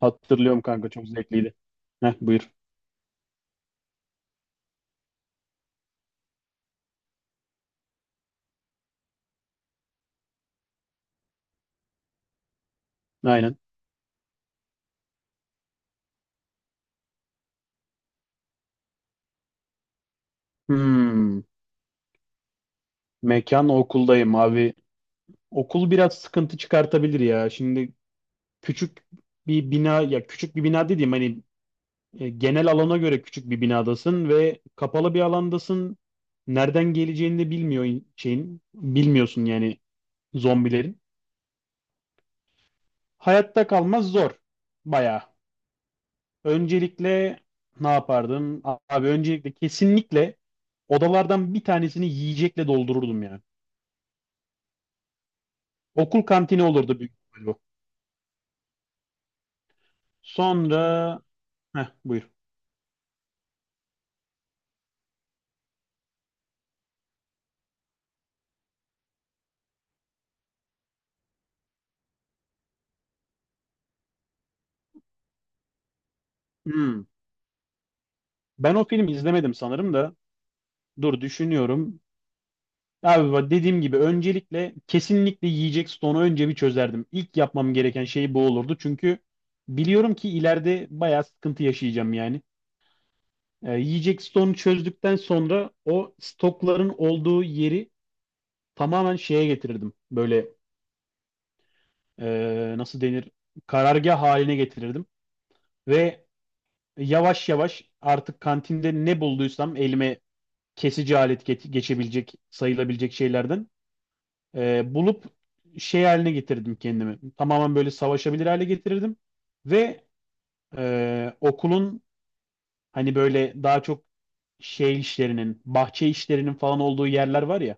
Hatırlıyorum kanka, çok zevkliydi. Heh, buyur. Aynen. Hmm, mekan okuldayım abi. Okul biraz sıkıntı çıkartabilir ya. Şimdi küçük bir bina, ya küçük bir bina dediğim hani genel alana göre küçük bir binadasın ve kapalı bir alandasın. Nereden geleceğini de bilmiyor şeyin. Bilmiyorsun yani zombilerin. Hayatta kalmaz, zor. Bayağı. Öncelikle ne yapardım? Abi öncelikle kesinlikle odalardan bir tanesini yiyecekle doldururdum ya. Okul kantini olurdu büyük ihtimal bu. Sonra heh, buyur. Hmm. Ben o filmi izlemedim sanırım da. Dur düşünüyorum. Abi bak dediğim gibi öncelikle kesinlikle yiyecek stoğunu önce bir çözerdim. İlk yapmam gereken şey bu olurdu. Çünkü biliyorum ki ileride bayağı sıkıntı yaşayacağım yani. Yiyecek stoğunu çözdükten sonra o stokların olduğu yeri tamamen şeye getirirdim. Böyle nasıl denir? Karargah haline getirirdim. Ve yavaş yavaş artık kantinde ne bulduysam elime kesici alet geçebilecek, sayılabilecek şeylerden bulup şey haline getirdim kendimi. Tamamen böyle savaşabilir hale getirirdim. Ve okulun hani böyle daha çok şey işlerinin, bahçe işlerinin falan olduğu yerler var ya.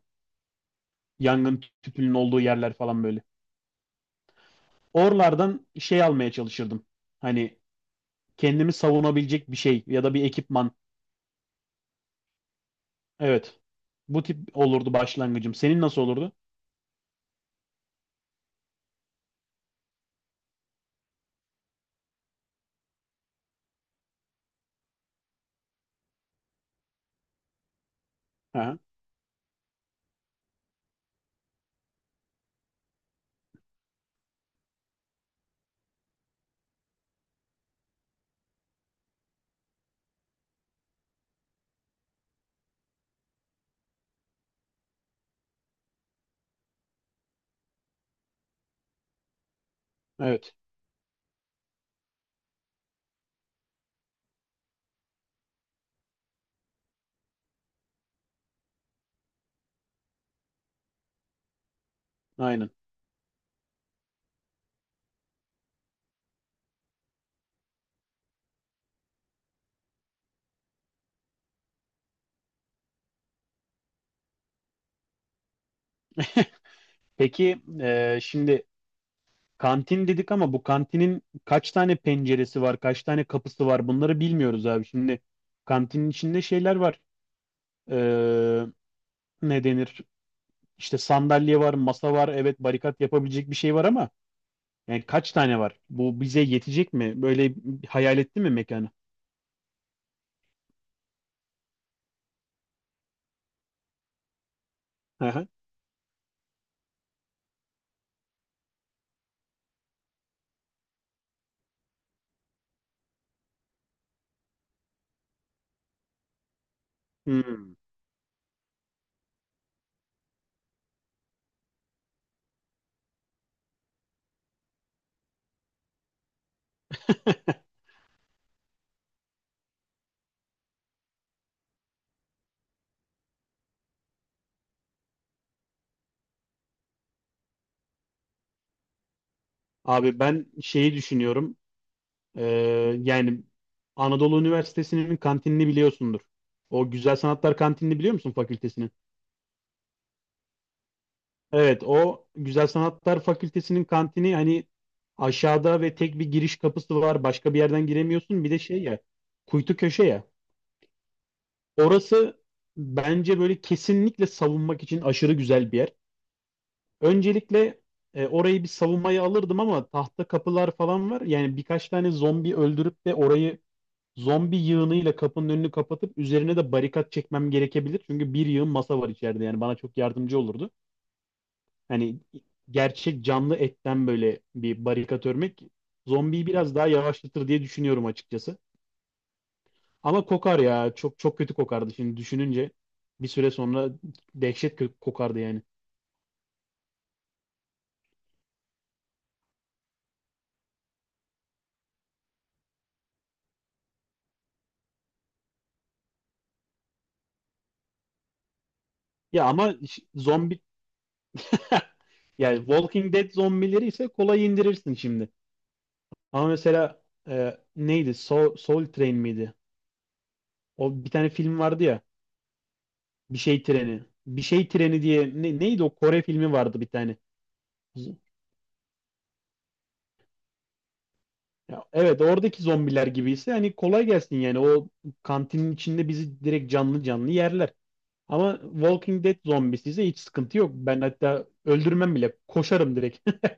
Yangın tüpünün olduğu yerler falan böyle. Oralardan şey almaya çalışırdım. Hani kendimi savunabilecek bir şey ya da bir ekipman. Evet. Bu tip olurdu başlangıcım. Senin nasıl olurdu? Ha, evet. Aynen. Peki şimdi kantin dedik ama bu kantinin kaç tane penceresi var, kaç tane kapısı var, bunları bilmiyoruz abi. Şimdi kantinin içinde şeyler var. E, ne denir? İşte sandalye var, masa var. Evet, barikat yapabilecek bir şey var ama yani kaç tane var? Bu bize yetecek mi? Böyle hayal etti mi mekanı? Hı hı. Hmm. Abi ben şeyi düşünüyorum. Ee, yani Anadolu Üniversitesi'nin kantinini biliyorsundur. O Güzel Sanatlar kantinini biliyor musun fakültesinin? Evet, o Güzel Sanatlar Fakültesinin kantini hani aşağıda ve tek bir giriş kapısı var. Başka bir yerden giremiyorsun. Bir de şey ya, kuytu köşe ya. Orası bence böyle kesinlikle savunmak için aşırı güzel bir yer. Öncelikle orayı bir savunmaya alırdım ama tahta kapılar falan var. Yani birkaç tane zombi öldürüp de orayı zombi yığınıyla kapının önünü kapatıp üzerine de barikat çekmem gerekebilir. Çünkü bir yığın masa var içeride, yani bana çok yardımcı olurdu. Hani gerçek canlı etten böyle bir barikat örmek zombiyi biraz daha yavaşlatır diye düşünüyorum açıkçası. Ama kokar ya, çok çok kötü kokardı şimdi düşününce, bir süre sonra dehşet kokardı yani. Ya ama zombi yani Walking Dead zombileri ise kolay indirirsin şimdi. Ama mesela neydi? Soul, Soul Train miydi? O bir tane film vardı ya. Bir şey treni. Bir şey treni diye neydi o Kore filmi vardı bir tane. Z- Ya evet, oradaki zombiler gibiyse hani kolay gelsin yani, o kantinin içinde bizi direkt canlı canlı yerler. Ama Walking Dead zombisi ise hiç sıkıntı yok. Ben hatta öldürmem bile. Koşarım direkt.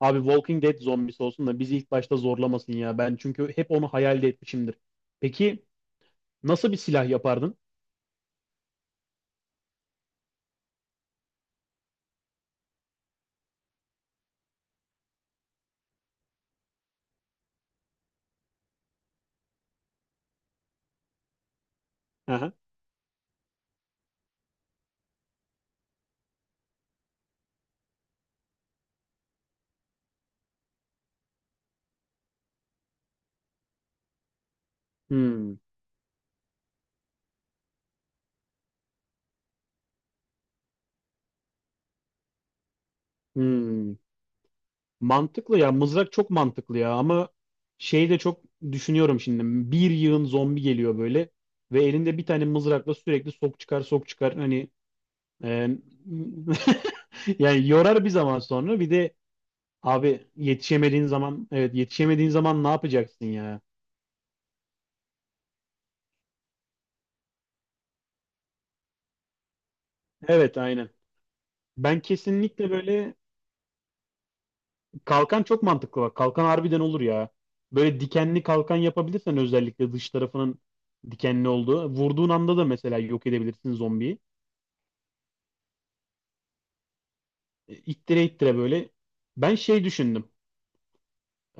Abi Walking Dead zombisi olsun da bizi ilk başta zorlamasın ya. Ben çünkü hep onu hayal de etmişimdir. Peki nasıl bir silah yapardın? Aha. Hmm, hmm. Mantıklı ya. Mızrak çok mantıklı ya ama şey de çok düşünüyorum şimdi. Bir yığın zombi geliyor böyle ve elinde bir tane mızrakla sürekli sok çıkar sok çıkar hani e, yani yorar bir zaman sonra, bir de abi yetişemediğin zaman, evet yetişemediğin zaman ne yapacaksın ya? Evet aynen. Ben kesinlikle böyle kalkan çok mantıklı bak. Kalkan harbiden olur ya. Böyle dikenli kalkan yapabilirsen, özellikle dış tarafının dikenli olduğu. Vurduğun anda da mesela yok edebilirsin zombiyi. İttire ittire böyle. Ben şey düşündüm.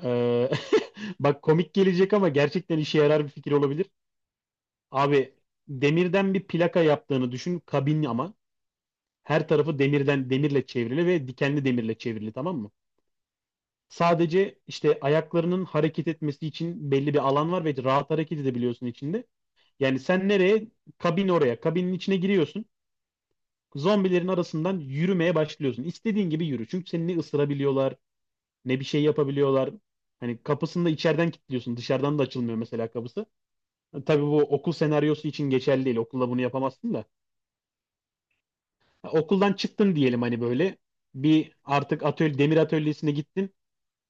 Ee, bak komik gelecek ama gerçekten işe yarar bir fikir olabilir. Abi demirden bir plaka yaptığını düşün. Kabin ama. Her tarafı demirden, demirle çevrili ve dikenli demirle çevrili, tamam mı? Sadece işte ayaklarının hareket etmesi için belli bir alan var ve rahat hareket edebiliyorsun içinde. Yani sen nereye? Kabin oraya. Kabinin içine giriyorsun. Zombilerin arasından yürümeye başlıyorsun. İstediğin gibi yürü. Çünkü seni ne ısırabiliyorlar, ne bir şey yapabiliyorlar. Hani kapısını da içeriden kilitliyorsun. Dışarıdan da açılmıyor mesela kapısı. Tabii bu okul senaryosu için geçerli değil. Okulda bunu yapamazsın da. Ha, okuldan çıktın diyelim hani böyle. Bir artık atölye, demir atölyesine gittin.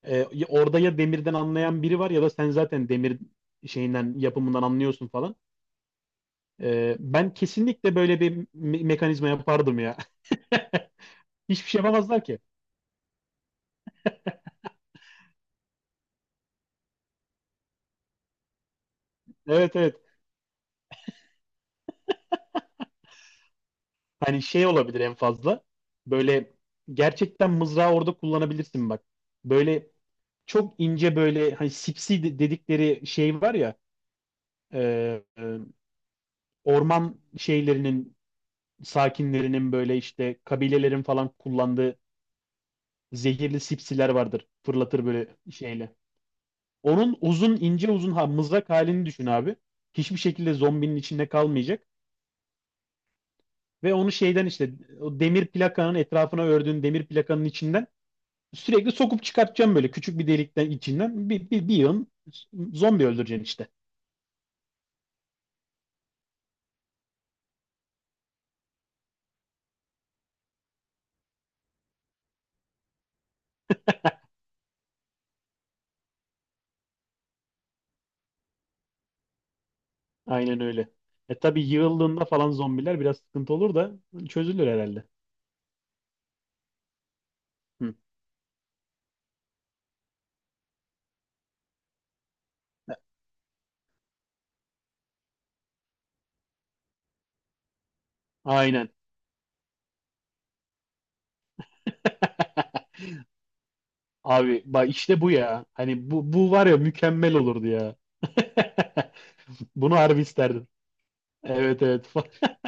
Orada ya demirden anlayan biri var ya da sen zaten demir şeyinden, yapımından anlıyorsun falan. Ben kesinlikle böyle bir mekanizma yapardım ya. Hiçbir şey yapamazlar ki. Evet, evet. Hani şey olabilir en fazla. Böyle gerçekten mızrağı orada kullanabilirsin bak. Böyle çok ince, böyle hani sipsi dedikleri şey var ya, e, e, orman şeylerinin, sakinlerinin, böyle işte kabilelerin falan kullandığı zehirli sipsiler vardır. Fırlatır böyle şeyle. Onun uzun ince uzun, ha, mızrak halini düşün abi. Hiçbir şekilde zombinin içinde kalmayacak. Ve onu şeyden, işte o demir plakanın etrafına ördüğün demir plakanın içinden sürekli sokup çıkartacağım böyle küçük bir delikten, içinden bir yığın zombi öldüreceksin işte. Aynen öyle. E tabii yığıldığında falan zombiler biraz sıkıntı olur da çözülür herhalde. Hı. Aynen. Abi bak işte bu ya. Hani bu var ya, mükemmel olurdu ya. Bunu harbi isterdim. Evet, evet.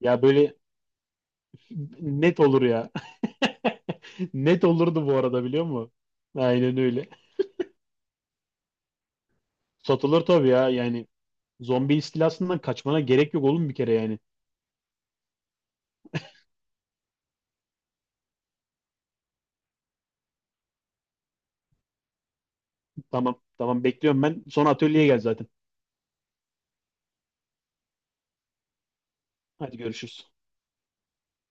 Ya böyle net olur ya. Net olurdu bu arada, biliyor musun? Aynen öyle. Satılır tabii ya yani. Zombi istilasından kaçmana gerek yok oğlum bir kere yani. Tamam, tamam, bekliyorum ben. Sonra atölyeye gel zaten. Hadi görüşürüz.